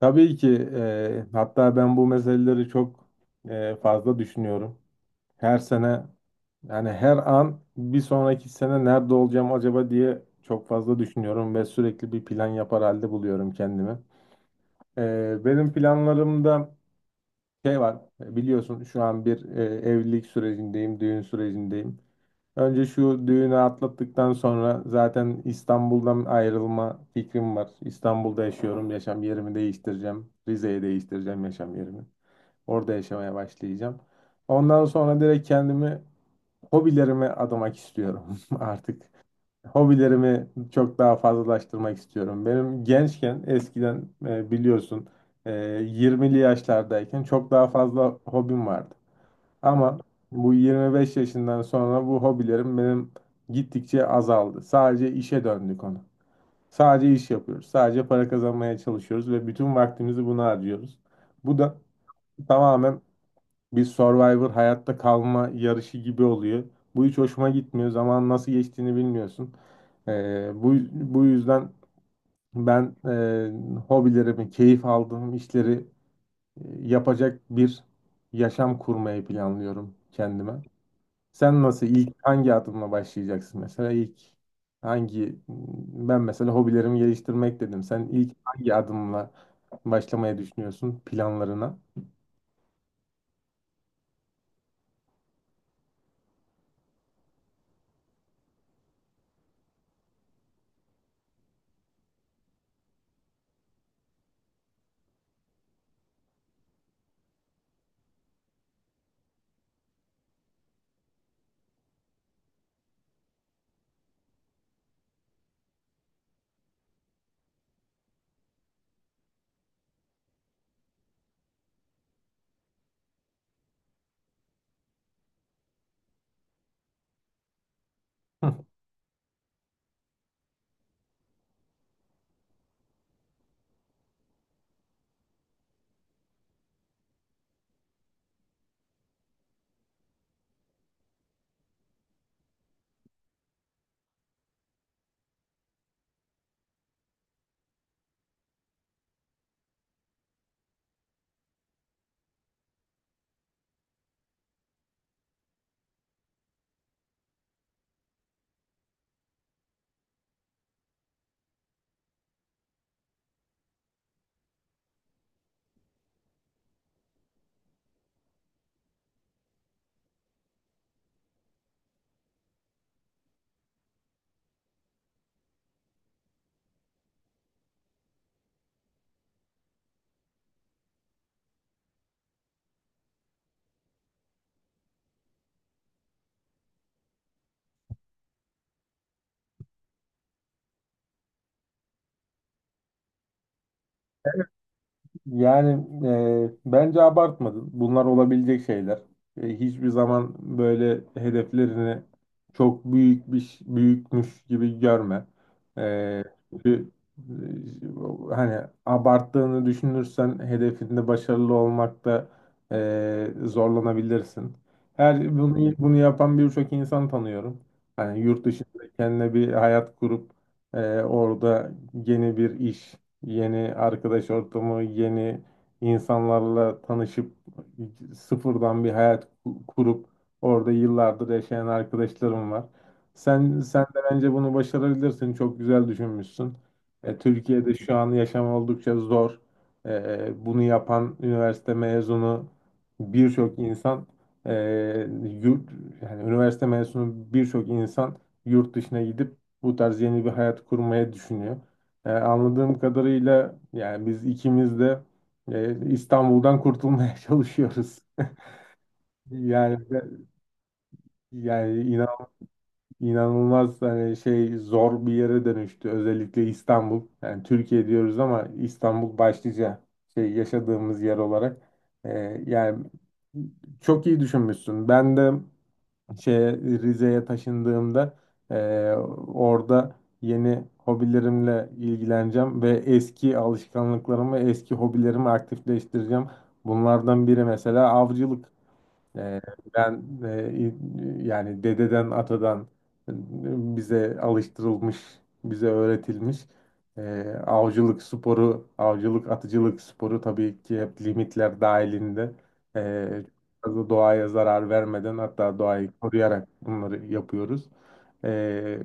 Tabii ki hatta ben bu meseleleri çok fazla düşünüyorum. Her sene yani her an bir sonraki sene nerede olacağım acaba diye çok fazla düşünüyorum ve sürekli bir plan yapar halde buluyorum kendimi. Benim planlarımda şey var biliyorsun şu an bir evlilik sürecindeyim, düğün sürecindeyim. Önce şu düğünü atlattıktan sonra zaten İstanbul'dan ayrılma fikrim var. İstanbul'da yaşıyorum, yaşam yerimi değiştireceğim. Rize'ye değiştireceğim yaşam yerimi. Orada yaşamaya başlayacağım. Ondan sonra direkt kendimi hobilerime adamak istiyorum artık. Hobilerimi çok daha fazlalaştırmak istiyorum. Benim gençken eskiden biliyorsun e, 20'li yaşlardayken çok daha fazla hobim vardı. Ama bu 25 yaşından sonra bu hobilerim benim gittikçe azaldı. Sadece işe döndü konu. Sadece iş yapıyoruz. Sadece para kazanmaya çalışıyoruz ve bütün vaktimizi buna harcıyoruz. Bu da tamamen bir Survivor hayatta kalma yarışı gibi oluyor. Bu hiç hoşuma gitmiyor. Zaman nasıl geçtiğini bilmiyorsun. Bu yüzden ben hobilerimi, keyif aldığım işleri e, yapacak bir yaşam kurmayı planlıyorum kendime. Sen nasıl ilk hangi adımla başlayacaksın, mesela ilk hangi, ben mesela hobilerimi geliştirmek dedim. Sen ilk hangi adımla başlamayı düşünüyorsun planlarına? Yani bence abartmadın. Bunlar olabilecek şeyler. Hiçbir zaman böyle hedeflerini çok büyük büyükmüş gibi görme. E, çünkü, Hani abarttığını düşünürsen hedefinde başarılı olmakta zorlanabilirsin. Her bunu yapan birçok insan tanıyorum. Hani yurt dışında kendine bir hayat kurup orada yeni bir iş. Yeni arkadaş ortamı, yeni insanlarla tanışıp sıfırdan bir hayat kurup orada yıllardır yaşayan arkadaşlarım var. Sen de bence bunu başarabilirsin. Çok güzel düşünmüşsün. Türkiye'de şu an yaşam oldukça zor. Bunu yapan üniversite mezunu birçok insan e, yurt yani üniversite mezunu birçok insan yurt dışına gidip bu tarz yeni bir hayat kurmaya düşünüyor. Anladığım kadarıyla yani biz ikimiz de İstanbul'dan kurtulmaya çalışıyoruz. Yani inan, inanılmaz hani şey zor bir yere dönüştü özellikle İstanbul. Yani Türkiye diyoruz ama İstanbul başlıca şey yaşadığımız yer olarak. E, Yani çok iyi düşünmüşsün. Ben de şeye Rize'ye taşındığımda eee, orada yeni hobilerimle ilgileneceğim ve eski alışkanlıklarımı, eski hobilerimi aktifleştireceğim. Bunlardan biri mesela avcılık. Ee, Ben yani dededen atadan bize alıştırılmış, bize öğretilmiş e, avcılık sporu, avcılık atıcılık sporu tabii ki hep limitler dahilinde e, fazla doğaya zarar vermeden hatta doğayı koruyarak bunları yapıyoruz. E,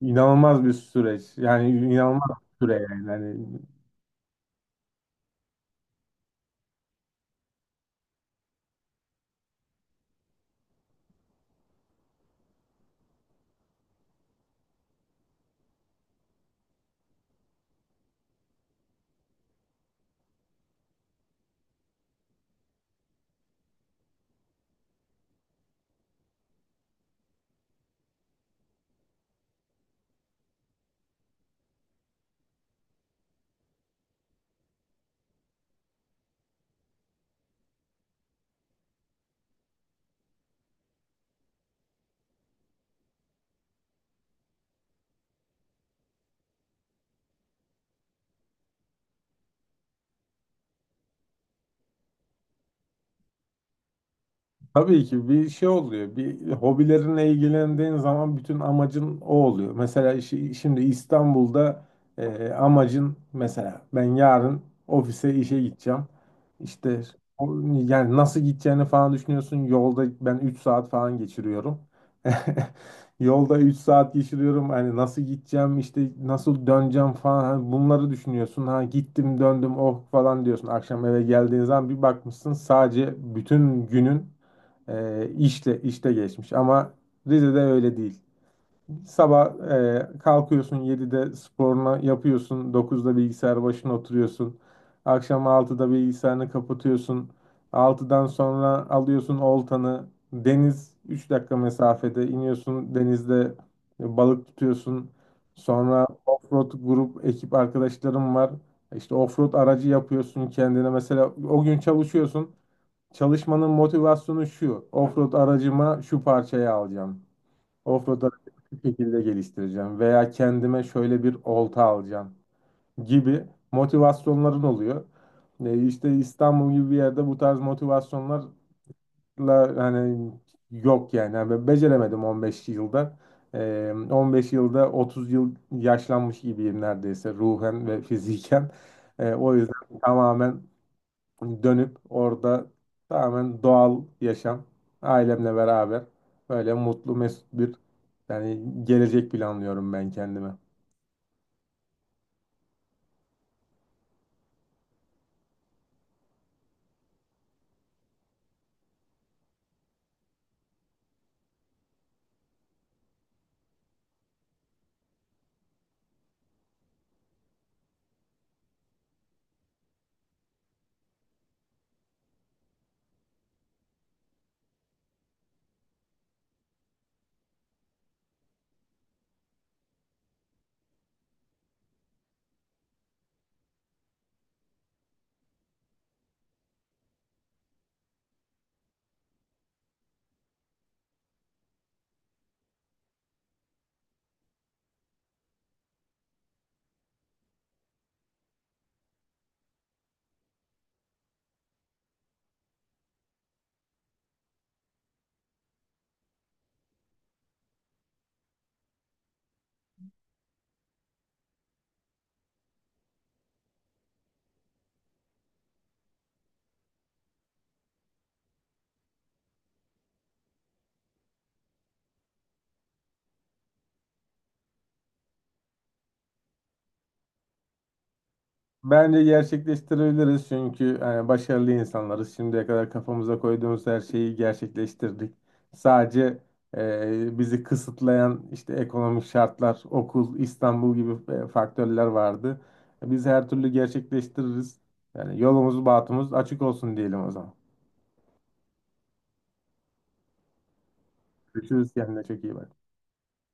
İnanılmaz bir süreç. Yani inanılmaz bir süre yani. Yani tabii ki bir şey oluyor. Bir hobilerinle ilgilendiğin zaman bütün amacın o oluyor. Mesela şimdi İstanbul'da amacın mesela ben yarın ofise işe gideceğim. İşte o- yani nasıl gideceğini falan düşünüyorsun. Yolda ben 3 saat falan geçiriyorum. Yolda 3 saat geçiriyorum. Hani nasıl gideceğim, işte nasıl döneceğim falan. Hani bunları düşünüyorsun. Ha gittim, döndüm, oh falan diyorsun. Akşam eve geldiğin zaman bir bakmışsın sadece bütün günün işle işte geçmiş ama Rize'de öyle değil. Sabah kalkıyorsun 7'de sporunu yapıyorsun, 9'da bilgisayar başına oturuyorsun. Akşam 6'da bilgisayarını kapatıyorsun. 6'dan sonra alıyorsun oltanı. Deniz 3 dakika mesafede iniyorsun, denizde balık tutuyorsun. Sonra offroad grup ekip arkadaşlarım var. İşte offroad aracı yapıyorsun kendine. Mesela o gün çalışıyorsun. Çalışmanın motivasyonu şu. Offroad aracıma şu parçayı alacağım. Offroad aracımı şu şekilde geliştireceğim. Veya kendime şöyle bir olta alacağım gibi motivasyonların oluyor. İşte İstanbul gibi bir yerde bu tarz motivasyonlarla hani yok yani. Yani ben beceremedim 15 yılda. 15 yılda 30 yıl yaşlanmış gibiyim neredeyse ruhen ve fiziken. O yüzden tamamen dönüp orada tamamen doğal yaşam, ailemle beraber böyle mutlu mesut bir yani gelecek planlıyorum ben kendime. Bence gerçekleştirebiliriz çünkü hani başarılı insanlarız. Şimdiye kadar kafamıza koyduğumuz her şeyi gerçekleştirdik. Sadece bizi kısıtlayan işte ekonomik şartlar, okul, İstanbul gibi faktörler vardı. Biz her türlü gerçekleştiririz. Yani yolumuz, bahtımız açık olsun diyelim o zaman. Görüşürüz, kendine çok iyi bak.